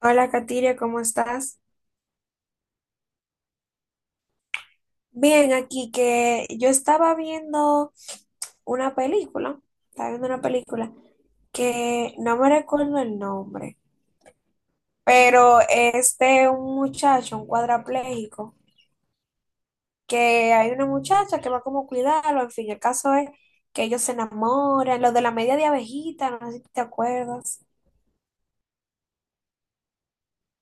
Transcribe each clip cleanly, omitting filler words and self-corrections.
Hola, Katiria, ¿cómo estás? Bien, aquí que yo estaba viendo una película, estaba viendo una película que no me recuerdo el nombre, pero es de un muchacho, un cuadrapléjico, que hay una muchacha que va como a cuidarlo, en fin, el caso es que ellos se enamoran, lo de la media de abejita, no sé si te acuerdas,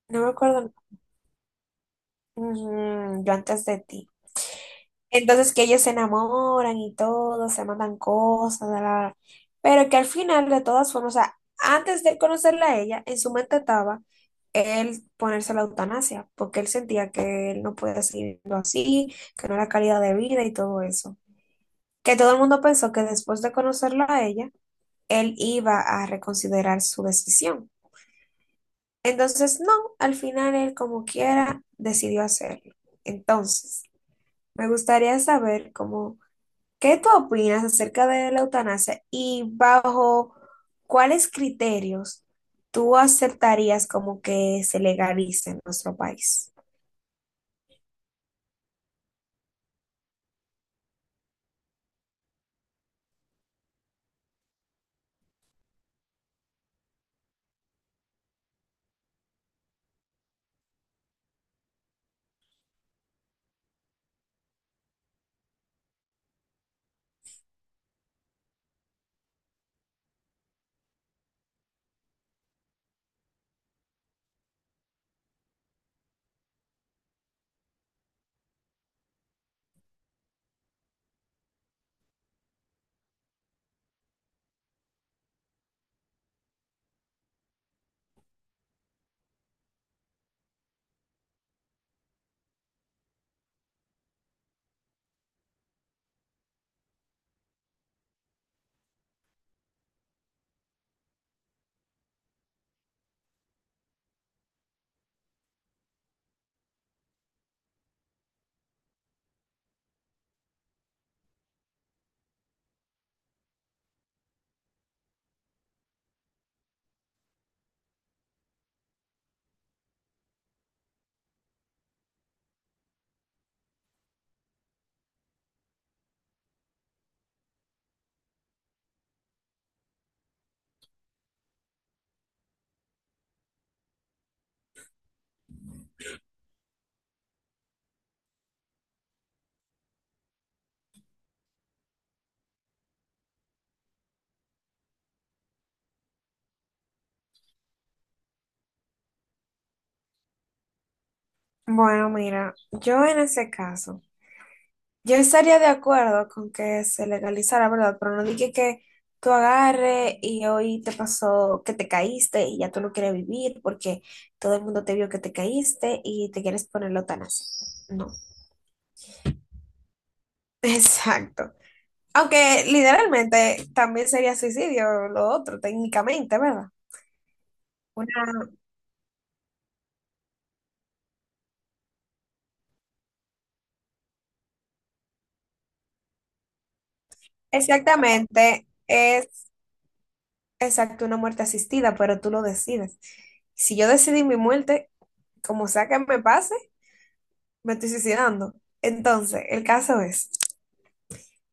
no me acuerdo. Ujú, yo antes de ti. Entonces que ellos se enamoran y todo, se mandan cosas, la, la, la. Pero que al final, de todas formas, o sea, antes de conocerla a ella, en su mente estaba él ponerse la eutanasia, porque él sentía que él no podía seguir viviendo así, que no era calidad de vida y todo eso. Que todo el mundo pensó que después de conocerla a ella, él iba a reconsiderar su decisión. Entonces, no, al final él como quiera decidió hacerlo. Entonces, me gustaría saber cómo. ¿Qué tú opinas acerca de la eutanasia y bajo cuáles criterios tú aceptarías como que se legalice en nuestro país? Bueno, mira, yo en ese caso, yo estaría de acuerdo con que se legalizara, ¿verdad? Pero no dije que tú agarre y hoy te pasó que te caíste y ya tú no quieres vivir porque todo el mundo te vio que te caíste y te quieres poner la eutanasia. No. Exacto. Aunque literalmente también sería suicidio lo otro, técnicamente, ¿verdad? Una, exactamente, es exacto una muerte asistida, pero tú lo decides. Si yo decidí mi muerte, como sea que me pase, me estoy suicidando. Entonces, el caso es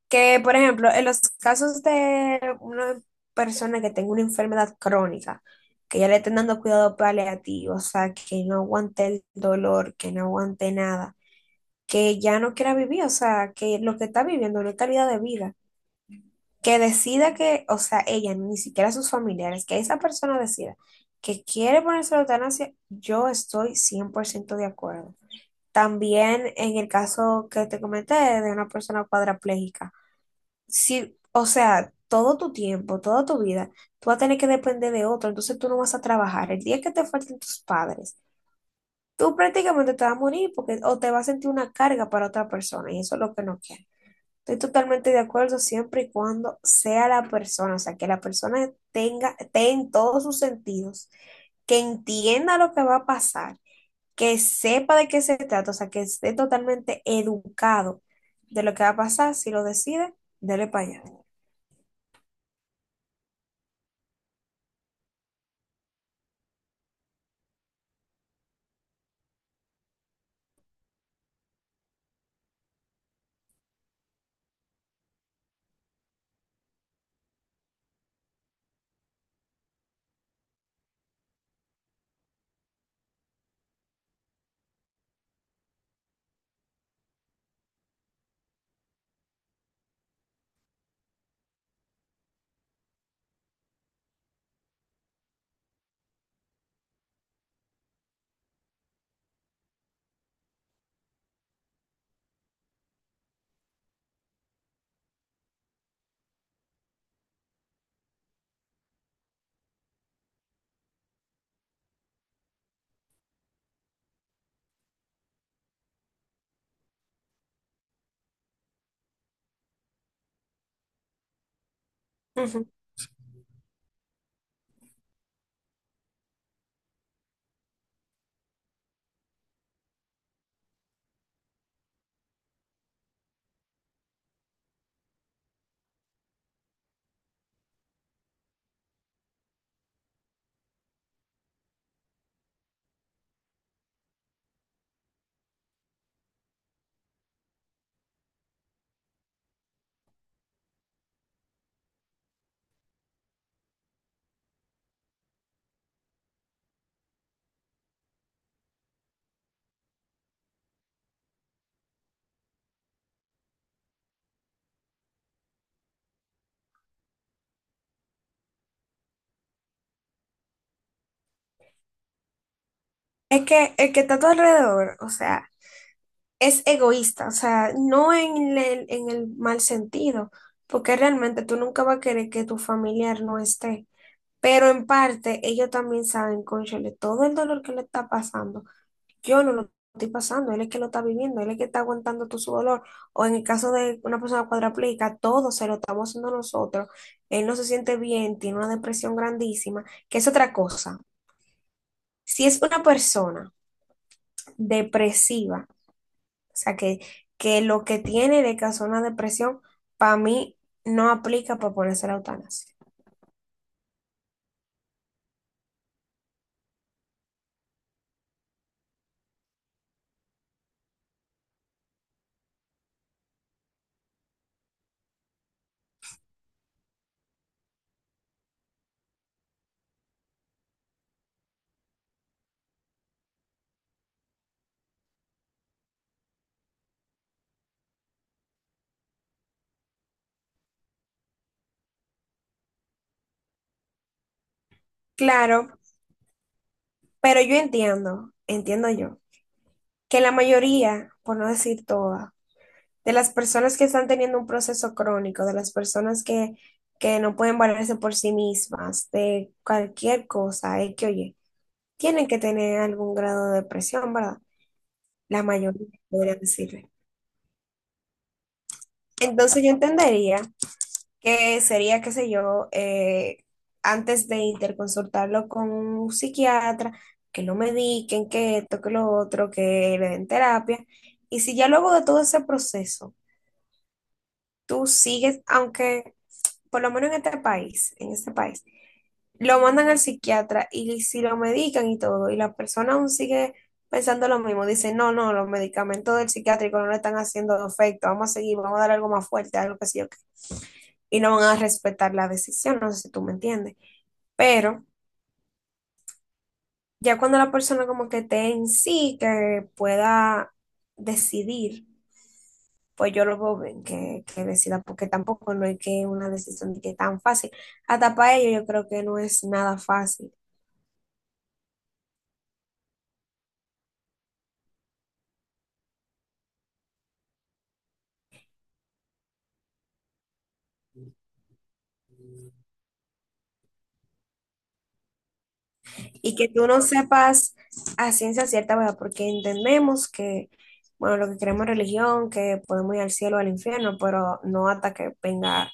que, por ejemplo, en los casos de una persona que tenga una enfermedad crónica, que ya le estén dando cuidado paliativo, o sea, que no aguante el dolor, que no aguante nada que ya no quiera vivir, o sea, que lo que está viviendo no es calidad de vida, que decida que, o sea, ella, ni siquiera sus familiares, que esa persona decida que quiere ponerse la eutanasia, yo estoy 100% de acuerdo. También en el caso que te comenté de una persona cuadraplégica, si, o sea, todo tu tiempo, toda tu vida, tú vas a tener que depender de otro, entonces tú no vas a trabajar. El día que te falten tus padres, tú prácticamente te vas a morir porque o te vas a sentir una carga para otra persona y eso es lo que no quiero. Estoy totalmente de acuerdo siempre y cuando sea la persona, o sea, que la persona tenga, esté en todos sus sentidos, que entienda lo que va a pasar, que sepa de qué se trata, o sea, que esté totalmente educado de lo que va a pasar, si lo decide, dele para allá. Ujú. Es que el que está a tu alrededor, o sea, es egoísta, o sea, no en el mal sentido, porque realmente tú nunca vas a querer que tu familiar no esté. Pero en parte, ellos también saben, cónchale, todo el dolor que le está pasando. Yo no lo estoy pasando, él es que lo está viviendo, él es que está aguantando todo su dolor. O en el caso de una persona cuadraplégica, todo se lo estamos haciendo nosotros. Él no se siente bien, tiene una depresión grandísima, que es otra cosa. Si es una persona depresiva, o sea, que lo que tiene le causó una depresión, para mí no aplica para ponerse la eutanasia. Claro, pero yo entiendo, entiendo yo que la mayoría, por no decir toda, de las personas que están teniendo un proceso crónico, de las personas que no pueden valerse por sí mismas, de cualquier cosa, es que oye, tienen que tener algún grado de depresión, ¿verdad? La mayoría, podría decirle. Entonces yo entendería que sería, qué sé yo, antes de interconsultarlo con un psiquiatra, que lo mediquen, que esto, que lo otro, que le den terapia. Y si ya luego de todo ese proceso, tú sigues, aunque por lo menos en este país, lo mandan al psiquiatra y si lo medican y todo, y la persona aún sigue pensando lo mismo, dice, no, no, los medicamentos del psiquiátrico no le están haciendo efecto, vamos a seguir, vamos a dar algo más fuerte, algo que sí yo qué", y no van a respetar la decisión, no sé si tú me entiendes, pero ya cuando la persona como que esté en sí, que pueda decidir pues yo lo veo bien que decida, porque tampoco no es que una decisión de que es tan fácil. Hasta para ellos yo creo que no es nada fácil. Y que tú no sepas a ciencia cierta, ¿verdad? Porque entendemos que, bueno, lo que queremos es religión, que podemos ir al cielo o al infierno, pero no hasta que venga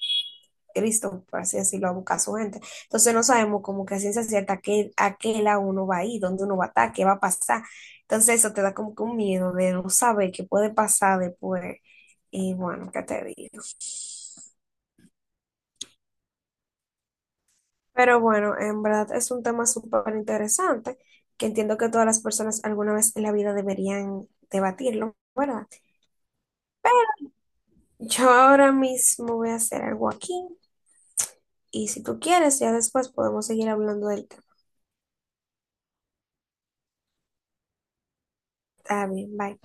Cristo, por así decirlo, a buscar a su gente. Entonces no sabemos como que a ciencia cierta a qué lado uno va a ir, dónde uno va a estar, qué va a pasar. Entonces eso te da como que un miedo de no saber qué puede pasar después. Y bueno, ¿qué te digo? Pero bueno, en verdad es un tema súper interesante que entiendo que todas las personas alguna vez en la vida deberían debatirlo, ¿verdad? Yo ahora mismo voy a hacer algo aquí y si tú quieres, ya después podemos seguir hablando del tema. Está bien, bye.